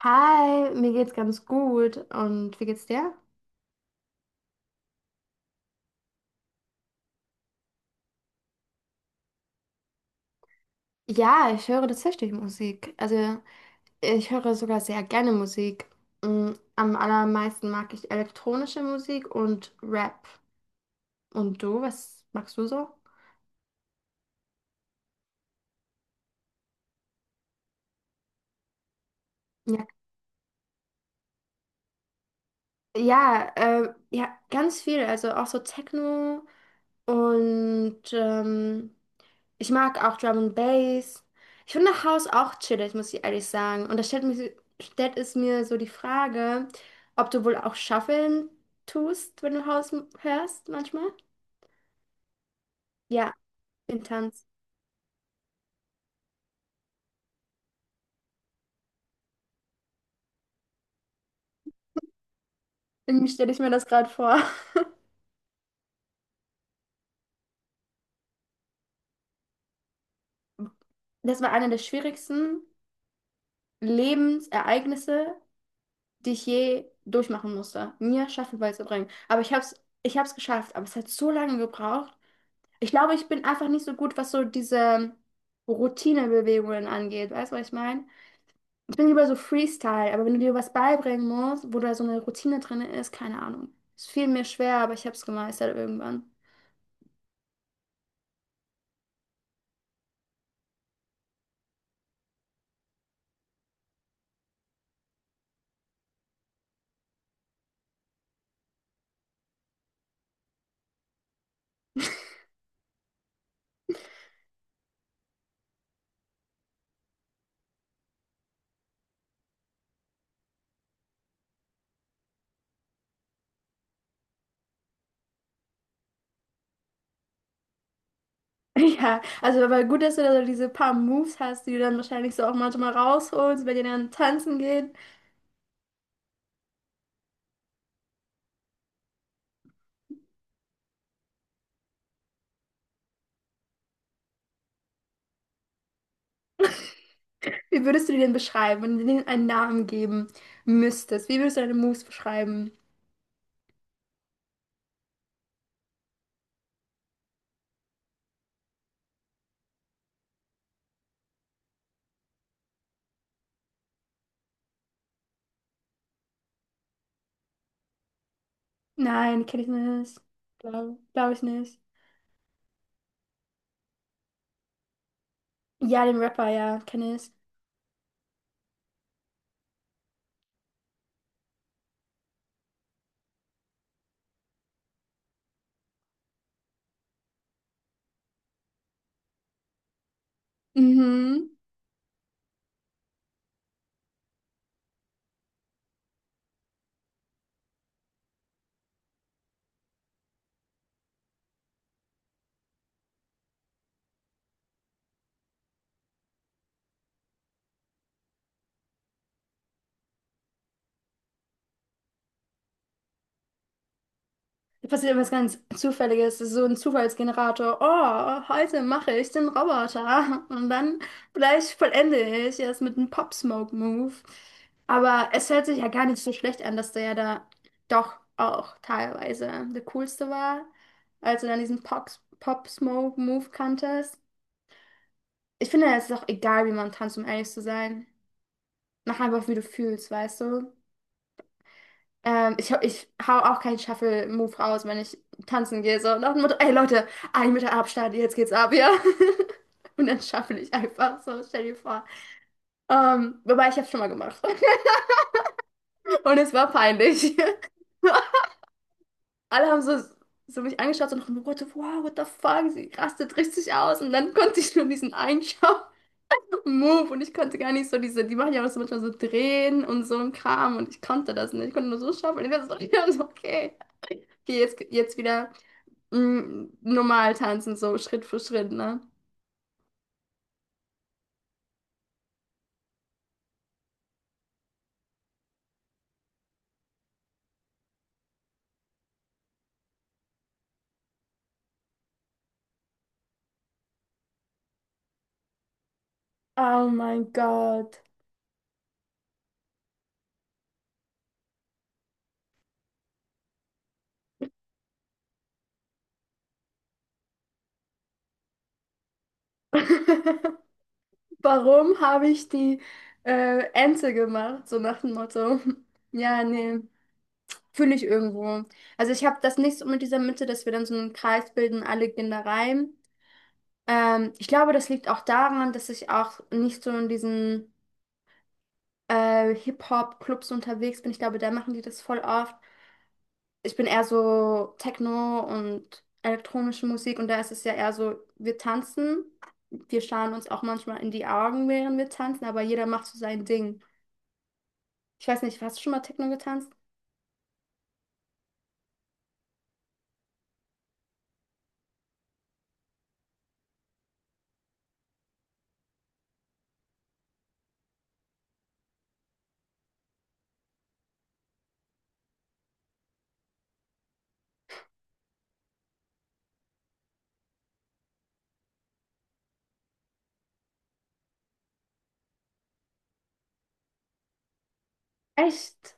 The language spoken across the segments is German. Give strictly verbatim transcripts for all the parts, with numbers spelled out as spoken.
Hi, mir geht's ganz gut. Und wie geht's dir? Ja, ich höre tatsächlich Musik. Also, ich höre sogar sehr gerne Musik. Mm, Am allermeisten mag ich elektronische Musik und Rap. Und du, was magst du so? Ja, ja, äh, ja, ganz viel. Also auch so Techno und ähm, ich mag auch Drum and Bass. Ich finde House auch chillig, muss ich ehrlich sagen. Und da stellt mich, so, stellt es mir so die Frage, ob du wohl auch Shuffeln tust, wenn du House m- hörst manchmal? Ja, den Tanz. Irgendwie stelle ich mir das gerade vor. Das war eine der schwierigsten Lebensereignisse, die ich je durchmachen musste, mir Shuffle beizubringen. Aber ich habe es, ich habe es geschafft. Aber es hat so lange gebraucht. Ich glaube, ich bin einfach nicht so gut, was so diese Routinebewegungen angeht. Weißt du, was ich meine? Ich bin lieber so Freestyle, aber wenn du dir was beibringen musst, wo da so eine Routine drin ist, keine Ahnung. Es fiel mir schwer, aber ich habe es gemeistert irgendwann. Ja, also aber gut, dass du da so diese paar Moves hast, die du dann wahrscheinlich so auch manchmal rausholst, wenn ihr dann tanzen geht. Wie würdest du die denn beschreiben, wenn du denen einen Namen geben müsstest? Wie würdest du deine Moves beschreiben? Nein, kenne ich nicht. Glaube glaub glaub ich nicht. Ja, den Rapper, ja, kenne ich. Mhm. Da passiert etwas ganz Zufälliges, das ist so ein Zufallsgenerator. Oh, heute mache ich den Roboter. Und dann gleich vollende ich es mit einem Pop-Smoke-Move. Aber es hört sich ja gar nicht so schlecht an, dass der ja da doch auch teilweise der coolste war, als du dann diesen Pox- Pop-Smoke-Move kanntest. Ich finde, es ist auch egal, wie man tanzt, um ehrlich zu sein. Mach einfach, wie du fühlst, weißt du? Ähm, ich, ich hau auch keinen Shuffle-Move raus, wenn ich tanzen gehe. So, nach dem Motto, ey Leute, ein Meter Abstand, jetzt geht's ab, ja. Und dann shuffle ich einfach so, stell dir vor. Ähm, wobei, ich hab's schon mal gemacht. Und es war peinlich. Alle haben so, so mich angeschaut, so nach dem Motto, wow, what the fuck, sie rastet richtig aus. Und dann konnte ich nur diesen einen Shuffle-Move und ich konnte gar nicht so diese, die machen ja auch so manchmal so drehen und so ein Kram und ich konnte das nicht. Ich konnte nur so shuffle. Und ich war so, ich war so, okay, okay, jetzt, jetzt wieder. Mm, normal tanzen, so Schritt für Schritt, ne? Oh mein Gott. Warum habe ich die äh, Ente gemacht? So nach dem Motto. Ja, nee, fühle ich irgendwo. Also ich habe das nicht so mit dieser Mitte, dass wir dann so einen Kreis bilden, alle gehen da rein. Ähm, ich glaube, das liegt auch daran, dass ich auch nicht so in diesen äh, Hip-Hop-Clubs unterwegs bin. Ich glaube, da machen die das voll oft. Ich bin eher so Techno und elektronische Musik und da ist es ja eher so, wir tanzen, wir schauen uns auch manchmal in die Augen, während wir tanzen, aber jeder macht so sein Ding. Ich weiß nicht, hast du schon mal Techno getanzt? Echt?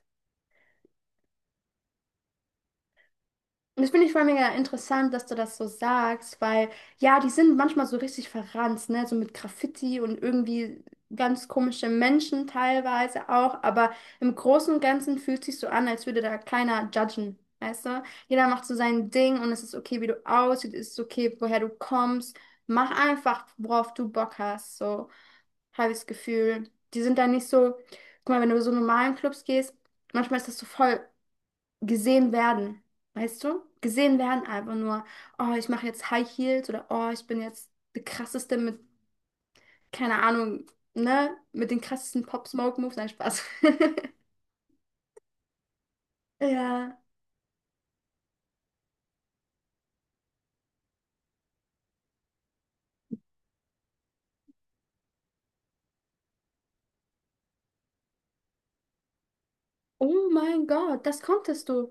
Und das finde ich voll mega interessant, dass du das so sagst, weil ja, die sind manchmal so richtig verranzt, ne? So mit Graffiti und irgendwie ganz komische Menschen teilweise auch, aber im Großen und Ganzen fühlt sich so an, als würde da keiner judgen, weißt du? Jeder macht so sein Ding und es ist okay, wie du aussiehst, es ist okay, woher du kommst. Mach einfach, worauf du Bock hast, so habe ich das Gefühl. Die sind da nicht so, guck mal, wenn du so normalen Clubs gehst, manchmal ist das so voll gesehen werden, weißt du? Gesehen werden einfach nur, oh, ich mache jetzt High Heels oder oh, ich bin jetzt die krasseste mit, keine Ahnung, ne? Mit den krassesten Pop Smoke Moves. Nein, Spaß. Ja. Oh mein Gott, das konntest du.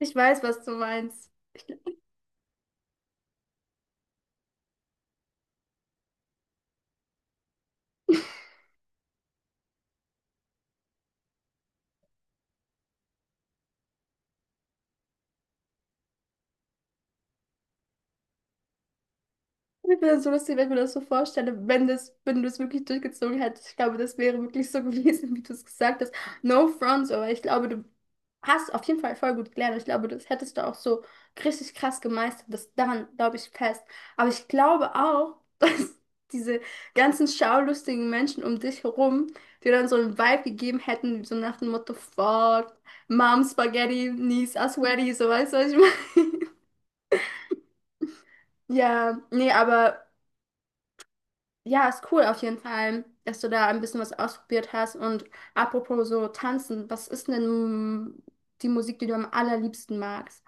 Ich weiß, was du meinst. Ich bin so lustig, wenn ich mir das so vorstelle, wenn das, wenn du es wirklich durchgezogen hättest. Ich glaube, das wäre wirklich so gewesen, wie du es gesagt hast. No front, aber ich glaube, du hast du auf jeden Fall voll gut gelernt. Ich glaube, das hättest du auch so richtig krass gemeistert. Das daran glaube ich fest. Aber ich glaube auch, dass diese ganzen schaulustigen Menschen um dich herum dir dann so einen Vibe gegeben hätten, so nach dem Motto, fuck, Mom Spaghetti, Niece a Sweaty, so weißt du, was ich meine? Ja, nee, aber ja, ist cool auf jeden Fall, dass du da ein bisschen was ausprobiert hast. Und apropos so tanzen, was ist denn die Musik, die du am allerliebsten magst?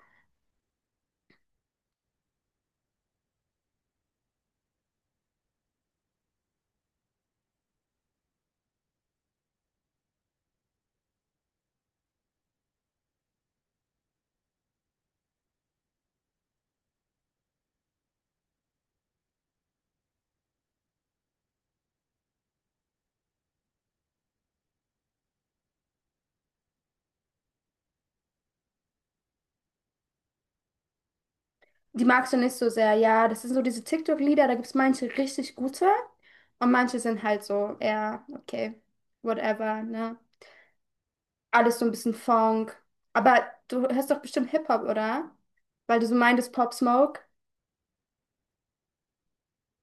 Die magst du nicht so sehr, ja. Das sind so diese TikTok-Lieder, da gibt es manche richtig gute und manche sind halt so, ja, okay, whatever, ne? Alles so ein bisschen Funk. Aber du hörst doch bestimmt Hip-Hop, oder? Weil du so meintest Pop Smoke.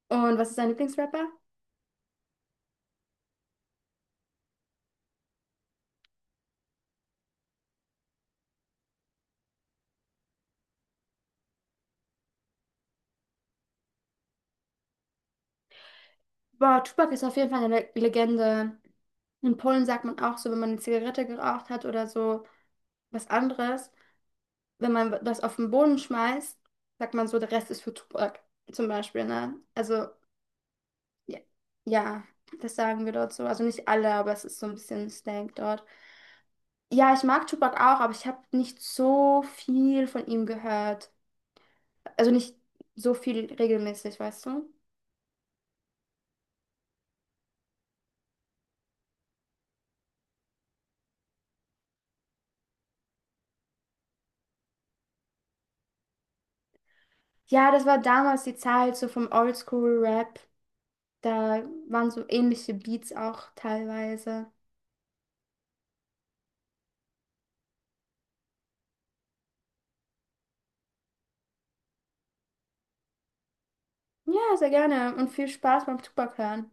Und was ist dein Lieblingsrapper? Boah, Tupac ist auf jeden Fall eine Le- Legende. In Polen sagt man auch so, wenn man eine Zigarette geraucht hat oder so was anderes, wenn man das auf den Boden schmeißt, sagt man so, der Rest ist für Tupac zum Beispiel, ne? Also Ja, ja, das sagen wir dort so. Also nicht alle, aber es ist so ein bisschen Slang dort. Ja, ich mag Tupac auch, aber ich habe nicht so viel von ihm gehört. Also nicht so viel regelmäßig, weißt du? Ja, das war damals die Zeit so vom Oldschool-Rap. Da waren so ähnliche Beats auch teilweise. Ja, sehr gerne und viel Spaß beim Tupac hören.